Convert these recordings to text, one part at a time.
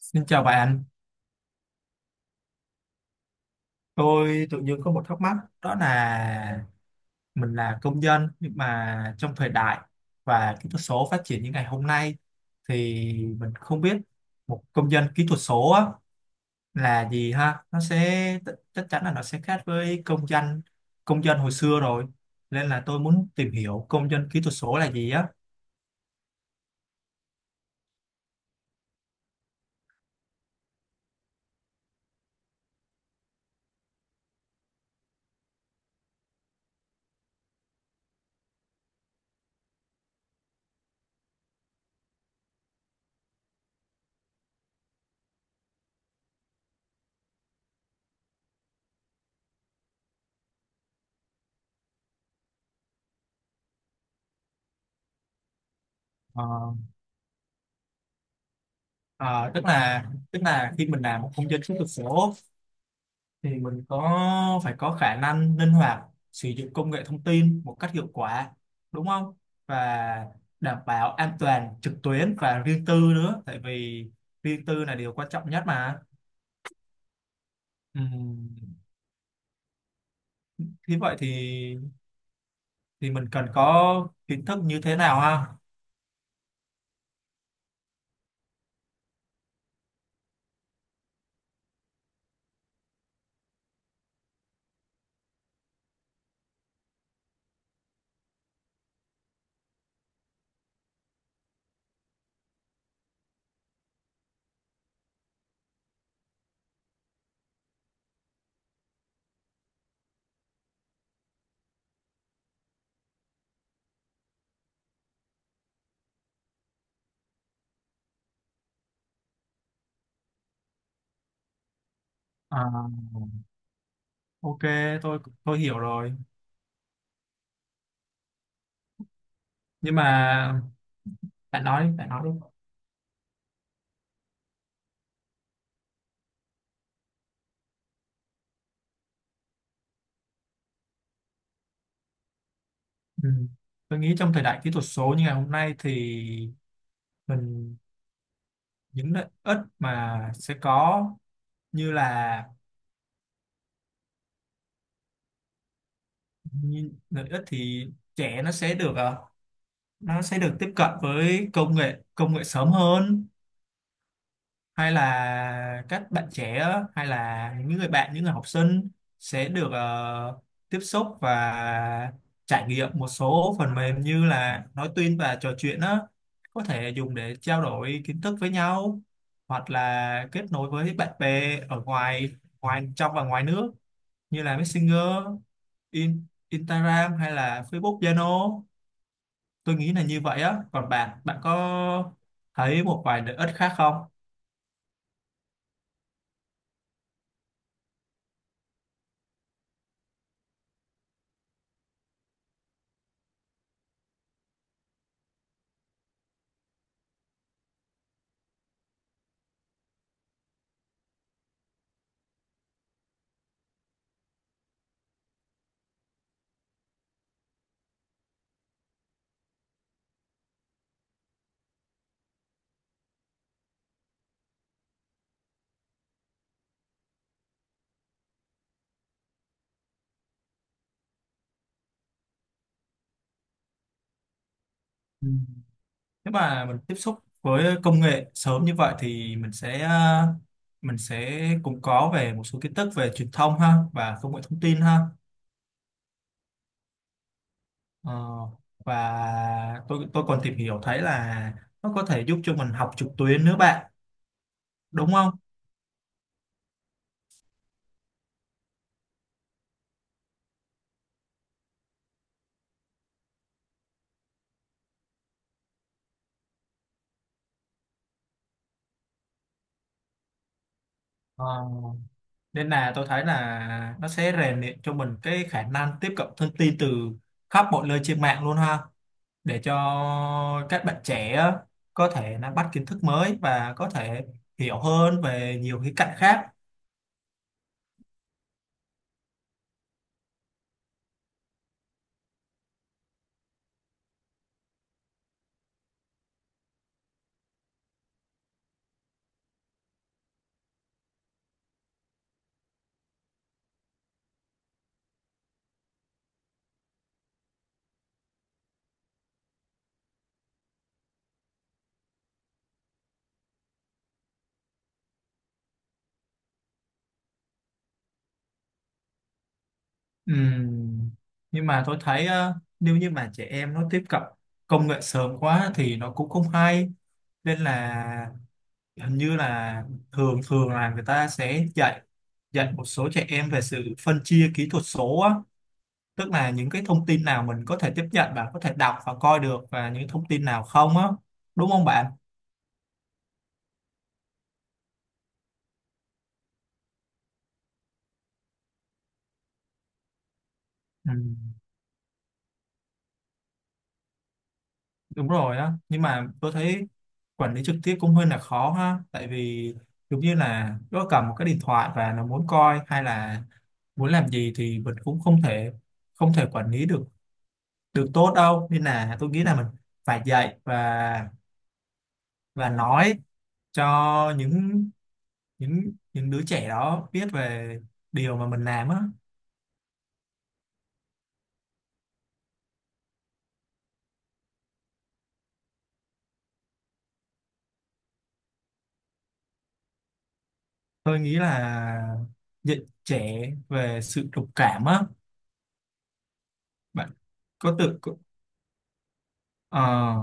Xin chào bạn, tôi tự nhiên có một thắc mắc, đó là mình là công dân nhưng mà trong thời đại và kỹ thuật số phát triển như ngày hôm nay thì mình không biết một công dân kỹ thuật số á, là gì ha. Nó sẽ chắc chắn là nó sẽ khác với công dân hồi xưa rồi, nên là tôi muốn tìm hiểu công dân kỹ thuật số là gì á. Ờ, ờ, tức là khi mình làm một công dân kỹ thuật số thì mình có phải có khả năng linh hoạt sử dụng công nghệ thông tin một cách hiệu quả, đúng không, và đảm bảo an toàn trực tuyến và riêng tư nữa, tại vì riêng tư là điều quan trọng nhất mà. Ừm, Thế vậy thì mình cần có kiến thức như thế nào ha? À, ok, tôi hiểu rồi, nhưng mà bạn nói đi, bạn nói đi. Ừm, tôi nghĩ trong thời đại kỹ thuật số như ngày hôm nay thì mình những lợi ích mà sẽ có, như là như lợi ích thì trẻ nó sẽ được nó sẽ được tiếp cận với công nghệ sớm hơn, hay là các bạn trẻ hay là những người bạn những người học sinh sẽ được tiếp xúc và trải nghiệm một số phần mềm như là nói tuyên và trò chuyện đó, có thể dùng để trao đổi kiến thức với nhau hoặc là kết nối với bạn bè ở ngoài ngoài trong và ngoài nước, như là Messenger, In, Instagram hay là Facebook, Zalo. Tôi nghĩ là như vậy á. Còn bạn, bạn có thấy một vài lợi ích khác không? Ừ. Nếu mà mình tiếp xúc với công nghệ sớm như vậy thì mình sẽ mình sẽ cũng có về một số kiến thức về truyền thông ha và công nghệ thông tin ha. Ờ, và tôi còn tìm hiểu thấy là nó có thể giúp cho mình học trực tuyến nữa bạn, đúng không? Ờ, nên là tôi thấy là nó sẽ rèn luyện cho mình cái khả năng tiếp cận thông tin từ khắp mọi nơi trên mạng luôn ha, để cho các bạn trẻ á, có thể nắm bắt kiến thức mới và có thể hiểu hơn về nhiều khía cạnh khác. Ừm, nhưng mà tôi thấy á, nếu như mà trẻ em nó tiếp cận công nghệ sớm quá thì nó cũng không hay, nên là hình như là thường thường là người ta sẽ dạy dạy một số trẻ em về sự phân chia kỹ thuật số á, tức là những cái thông tin nào mình có thể tiếp nhận và có thể đọc và coi được và những thông tin nào không á, đúng không bạn? Ừ, đúng rồi á, nhưng mà tôi thấy quản lý trực tiếp cũng hơi là khó ha, tại vì giống như là nó cầm một cái điện thoại và nó muốn coi hay là muốn làm gì thì mình cũng không thể quản lý được được tốt đâu, nên là tôi nghĩ là mình phải dạy và nói cho những đứa trẻ đó biết về điều mà mình làm á. Tôi nghĩ là dạy trẻ về sự đồng cảm á bạn. có tự có- ờ,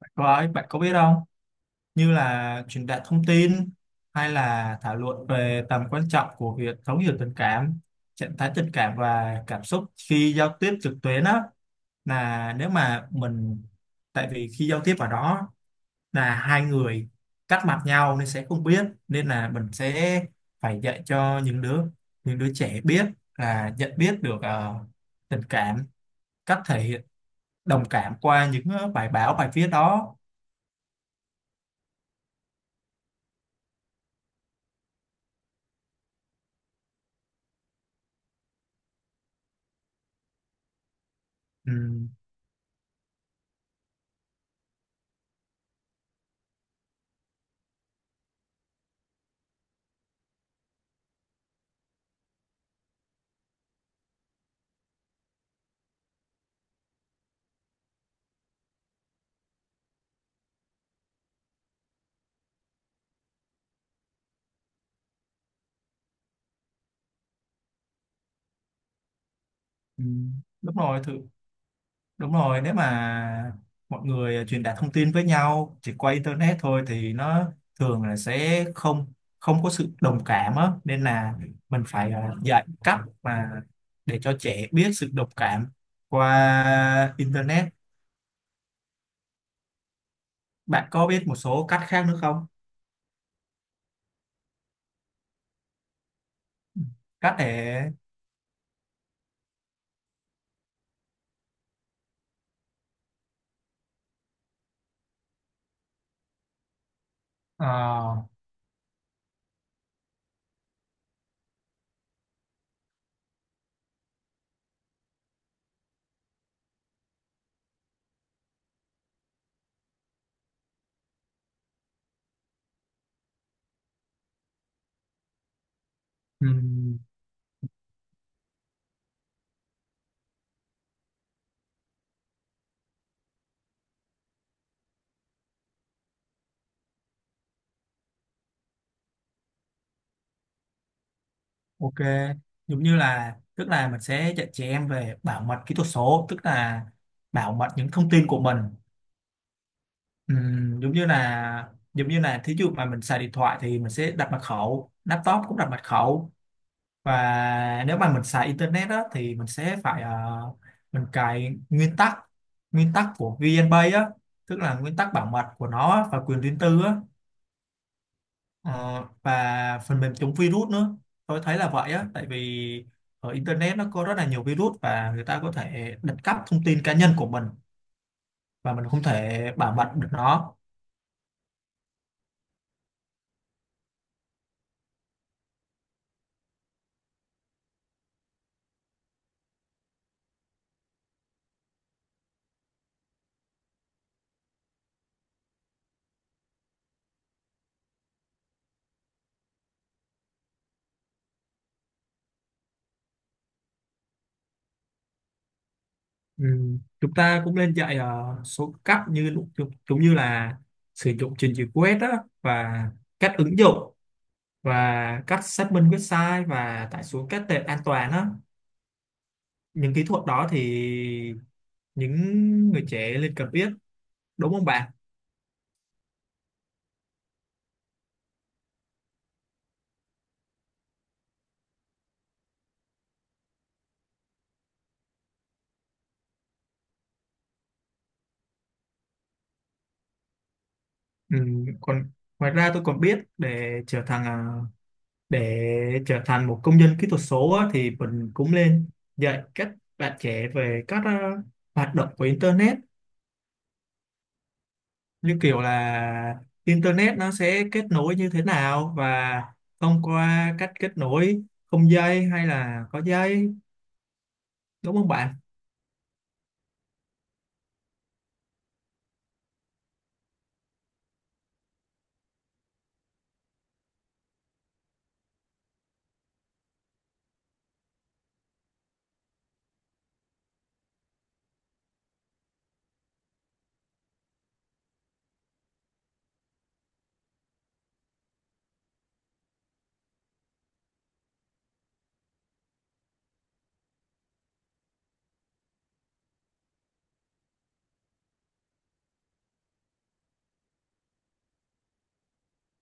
Bạn có bạn có biết không, như là truyền đạt thông tin hay là thảo luận về tầm quan trọng của việc thấu hiểu tình cảm, trạng thái tình cảm và cảm xúc khi giao tiếp trực tuyến á. Là nếu mà mình, tại vì khi giao tiếp ở đó là hai người cắt mặt nhau nên sẽ không biết, nên là mình sẽ phải dạy cho những đứa trẻ biết, là nhận biết được tình cảm, cách thể hiện đồng cảm qua những bài báo bài viết đó. ừ, ừ, Đúng rồi thử. Đúng rồi, nếu mà mọi người truyền đạt thông tin với nhau chỉ qua internet thôi thì nó thường là sẽ không không có sự đồng cảm á, nên là mình phải dạy cách mà để cho trẻ biết sự đồng cảm qua internet. Bạn có biết một số cách khác nữa không? Cách để ờ, ừm, ok, giống như là, tức là mình sẽ dạy trẻ em về bảo mật kỹ thuật số, tức là bảo mật những thông tin của mình. Giống như là giống như là thí dụ mà mình xài điện thoại thì mình sẽ đặt mật khẩu, laptop cũng đặt mật khẩu, và nếu mà mình xài internet đó thì mình sẽ phải mình cài nguyên tắc của VNPay á, tức là nguyên tắc bảo mật của nó á, và quyền riêng tư á. Ờ, và phần mềm chống virus nữa, tôi thấy là vậy á, tại vì ở internet nó có rất là nhiều virus và người ta có thể đặt cắp thông tin cá nhân của mình và mình không thể bảo mật được nó. Ừ, chúng ta cũng nên dạy số cách như giống giống như là sử dụng trình duyệt web đó, và cách ứng dụng và cách xác minh website và tải xuống các tệp an toàn đó, những kỹ thuật đó thì những người trẻ nên cần biết, đúng không bạn? Ừ, còn ngoài ra tôi còn biết để trở thành để trở thành một công dân kỹ thuật số á, thì mình cũng nên dạy các bạn trẻ về các hoạt động của internet, như kiểu là internet nó sẽ kết nối như thế nào và thông qua cách kết nối không dây hay là có dây, đúng không bạn?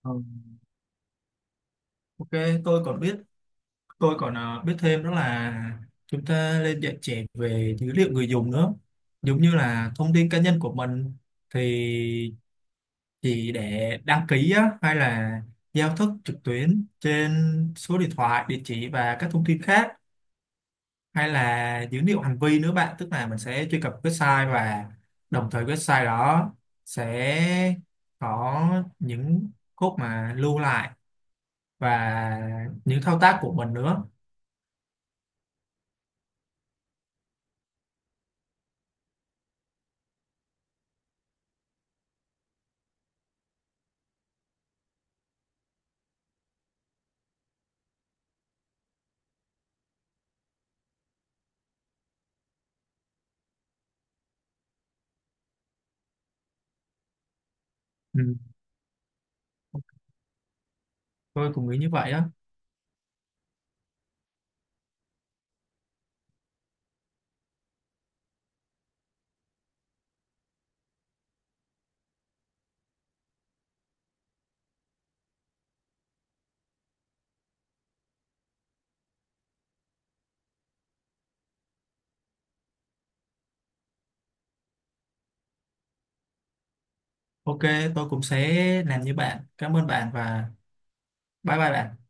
Ờ, ok, tôi còn biết, tôi còn biết thêm đó là chúng ta nên dạy trẻ về dữ liệu người dùng nữa. Giống như là thông tin cá nhân của mình thì chỉ để đăng ký á, hay là giao thức trực tuyến trên số điện thoại, địa chỉ và các thông tin khác, hay là dữ liệu hành vi nữa bạn, tức là mình sẽ truy cập website và đồng thời website đó sẽ có những code mà lưu lại và những thao tác của mình nữa. Ừ, tôi cũng nghĩ như vậy á. Ok, tôi cũng sẽ làm như bạn. Cảm ơn bạn, và bye bye bạn.